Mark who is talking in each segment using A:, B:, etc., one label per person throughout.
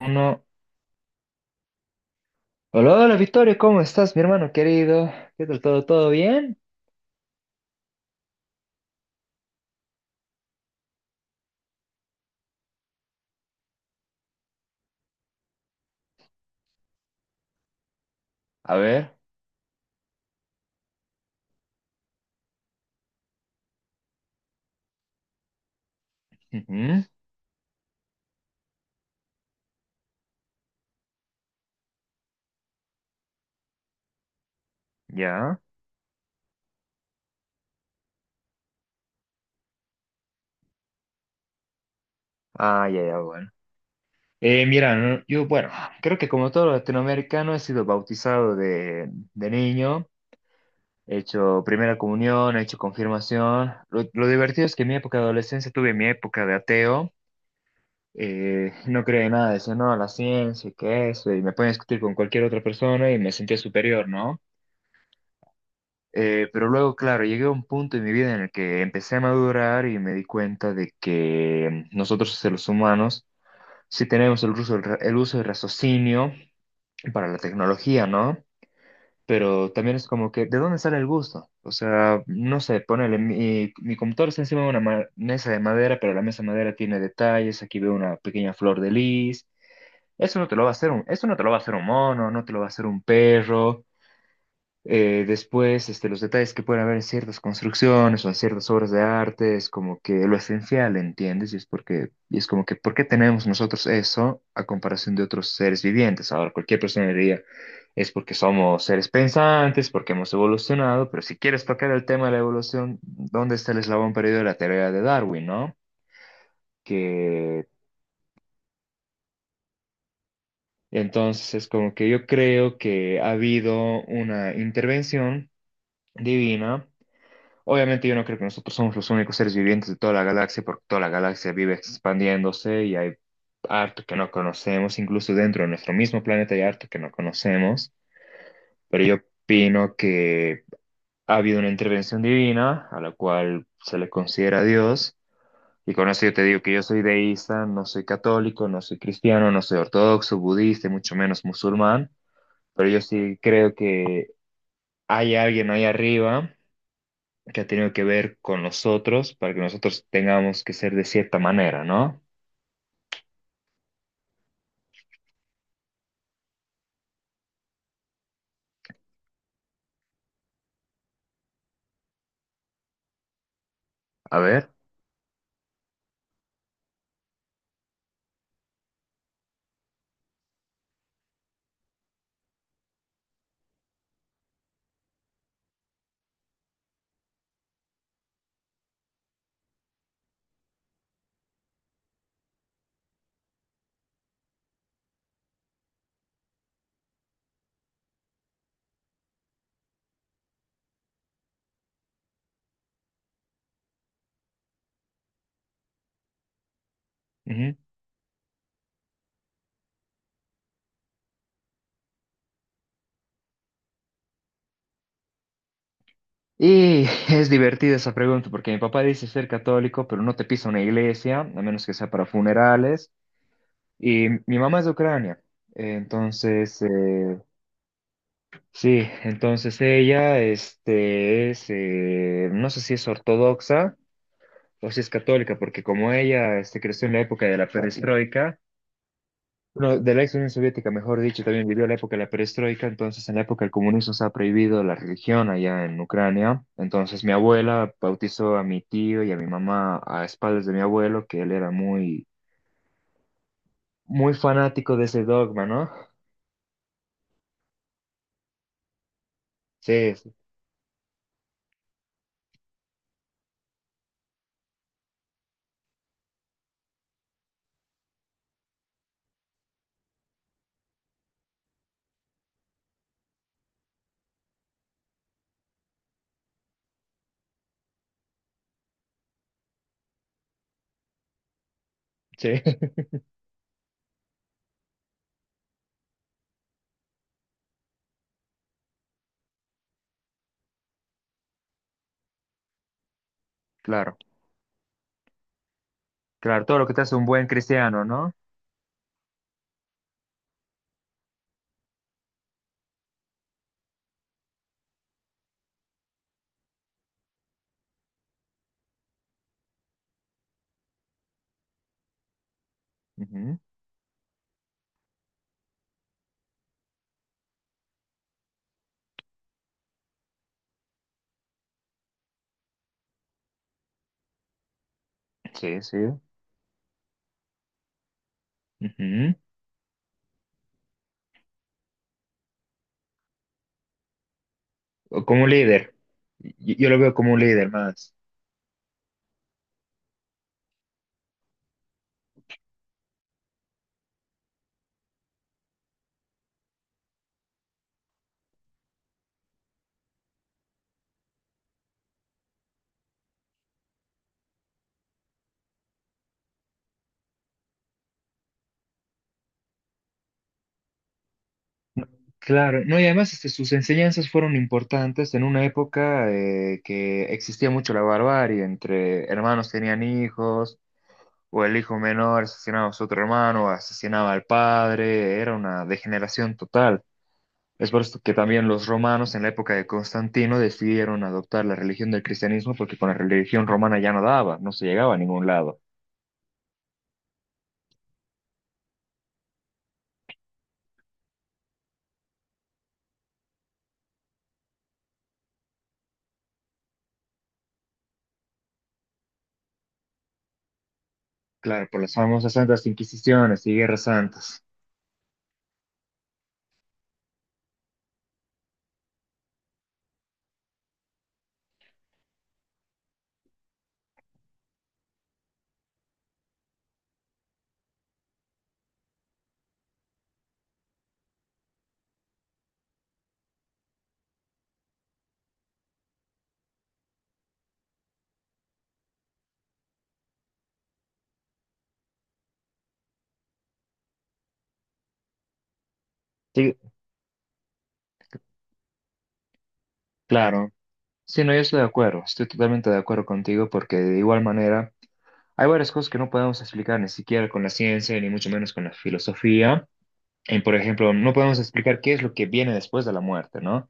A: Uno. Hola, hola, Victorio, ¿cómo estás, mi hermano querido? ¿Qué tal todo? ¿Todo bien? A ver. Ujú. Ya. Ah, ya, ya, bueno. Mira, no, yo, bueno, creo que como todo latinoamericano he sido bautizado de niño, he hecho primera comunión, he hecho confirmación. Lo divertido es que en mi época de adolescencia tuve mi época de ateo. No creía en nada, decía, no, la ciencia, y que eso, y me podía discutir con cualquier otra persona y me sentía superior, ¿no? Pero luego, claro, llegué a un punto en mi vida en el que empecé a madurar y me di cuenta de que nosotros seres humanos sí tenemos el uso del raciocinio para la tecnología, ¿no? Pero también es como que, ¿de dónde sale el gusto? O sea, no sé, ponele, mi computador está encima de una mesa de madera, pero la mesa de madera tiene detalles, aquí veo una pequeña flor de lis. Eso no te lo va a hacer un, eso no te lo va a hacer un mono, no te lo va a hacer un perro. Después, los detalles que pueden haber en ciertas construcciones o en ciertas obras de arte es como que lo esencial, ¿entiendes? Y es porque, y es como que, ¿por qué tenemos nosotros eso a comparación de otros seres vivientes? Ahora, cualquier persona diría, es porque somos seres pensantes, porque hemos evolucionado, pero si quieres tocar el tema de la evolución, ¿dónde está el eslabón perdido de la teoría de Darwin, ¿no? Que entonces es como que yo creo que ha habido una intervención divina. Obviamente yo no creo que nosotros somos los únicos seres vivientes de toda la galaxia, porque toda la galaxia vive expandiéndose y hay harto que no conocemos, incluso dentro de nuestro mismo planeta hay harto que no conocemos, pero yo opino que ha habido una intervención divina a la cual se le considera Dios, y con eso yo te digo que yo soy deísta, no soy católico, no soy cristiano, no soy ortodoxo, budista, y mucho menos musulmán, pero yo sí creo que hay alguien ahí arriba que ha tenido que ver con nosotros para que nosotros tengamos que ser de cierta manera, ¿no? A ver. Ujú. Y es divertida esa pregunta porque mi papá dice ser católico, pero no te pisa una iglesia, a menos que sea para funerales. Y mi mamá es de Ucrania, eh, entonces, eh, sí, entonces ella es, no sé si es ortodoxa o si es católica, porque como ella creció en la época de la perestroika. Bueno, de la ex Unión Soviética, mejor dicho, también vivió la época de la perestroika, entonces en la época del comunismo se ha prohibido la religión allá en Ucrania, entonces mi abuela bautizó a mi tío y a mi mamá a espaldas de mi abuelo, que él era muy fanático de ese dogma, ¿no? Sí, sí, sí. Claro, claro, todo lo que te hace un buen cristiano, ¿no? Ujú. Sí, sí, ujú. O como un líder, yo lo veo como un líder más. Claro, no, y además sus enseñanzas fueron importantes en una época que existía mucho la barbarie, entre hermanos tenían hijos, o el hijo menor asesinaba a su otro hermano, o asesinaba al padre, era una degeneración total. Es por esto que también los romanos en la época de Constantino decidieron adoptar la religión del cristianismo porque con la religión romana ya no daba, no se llegaba a ningún lado. Claro, por las famosas santas inquisiciones y guerras santas. Sí, claro. Sí, no, yo estoy de acuerdo, estoy totalmente de acuerdo contigo porque de igual manera hay varias cosas que no podemos explicar ni siquiera con la ciencia, ni mucho menos con la filosofía. En, por ejemplo, no podemos explicar qué es lo que viene después de la muerte, ¿no?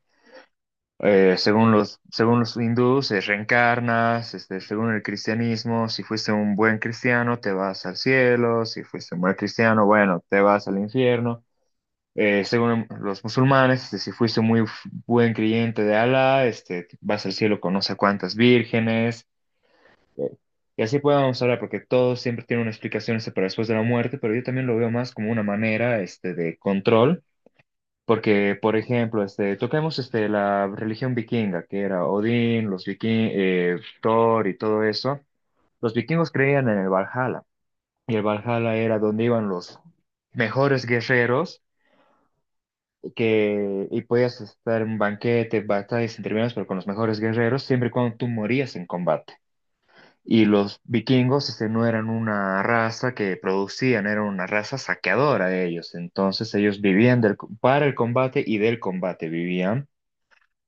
A: Según los, según los hindús, reencarnas, según el cristianismo, si fuiste un buen cristiano, te vas al cielo, si fuiste un mal cristiano, bueno, te vas al infierno. Según los musulmanes, si fuiste buen creyente de Alá, vas al cielo con no sé cuántas vírgenes. eh, Y así podemos hablar, porque todo siempre tiene una explicación para después de la muerte, pero yo también lo veo más como una manera de control, porque, por ejemplo, toquemos la religión vikinga, que era Odín, los vikingos, Thor y todo eso. Los vikingos creían en el Valhalla, y el Valhalla era donde iban los mejores guerreros que y podías estar en un banquete, batallas entre menos, pero con los mejores guerreros, siempre y cuando tú morías en combate. Y los vikingos no eran una raza que producían, eran una raza saqueadora de ellos. Entonces ellos vivían del, para el combate y del combate vivían.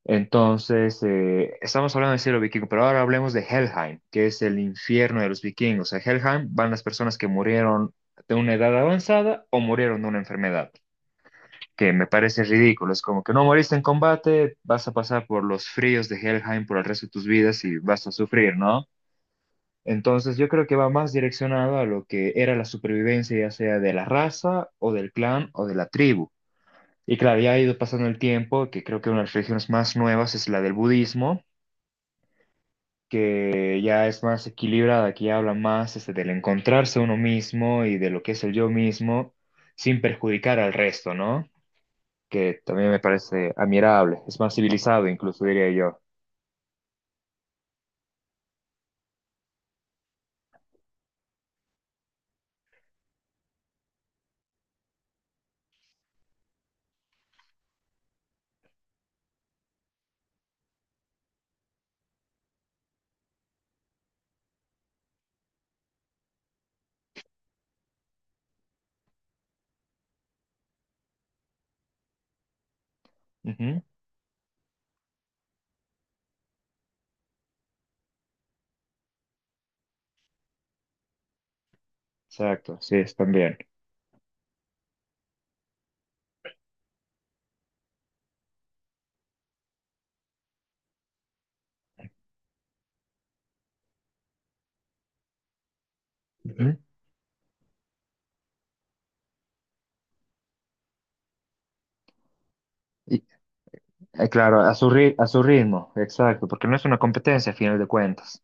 A: Entonces, estamos hablando del cielo vikingo, pero ahora hablemos de Helheim, que es el infierno de los vikingos. A Helheim van las personas que murieron de una edad avanzada o murieron de una enfermedad que me parece ridículo. Es como que no moriste en combate, vas a pasar por los fríos de Helheim por el resto de tus vidas y vas a sufrir, ¿no? Entonces yo creo que va más direccionado a lo que era la supervivencia, ya sea de la raza o del clan o de la tribu. Y claro, ya ha ido pasando el tiempo, que creo que una de las religiones más nuevas es la del budismo, que ya es más equilibrada, que ya habla más del encontrarse uno mismo y de lo que es el yo mismo sin perjudicar al resto, ¿no? Que también me parece admirable, es más civilizado incluso, diría yo. Ujú. Exacto, sí, es también. Ujú. Y claro, a su a su ritmo, exacto, porque no es una competencia a final de cuentas.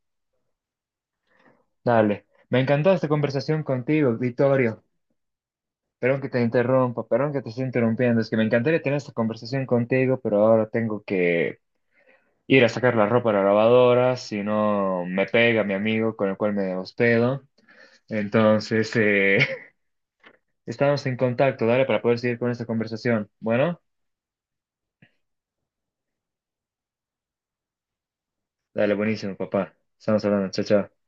A: Dale, me encantó esta conversación contigo, Vittorio. Perdón que te interrumpa, perdón que te esté interrumpiendo, es que me encantaría tener esta conversación contigo, pero ahora tengo que ir a sacar la ropa a la lavadora, si no me pega mi amigo con el cual me hospedo. Entonces, estamos en contacto, dale, para poder seguir con esta conversación. Bueno, dale, buenísimo, papá. Estamos hablando, chao, chao.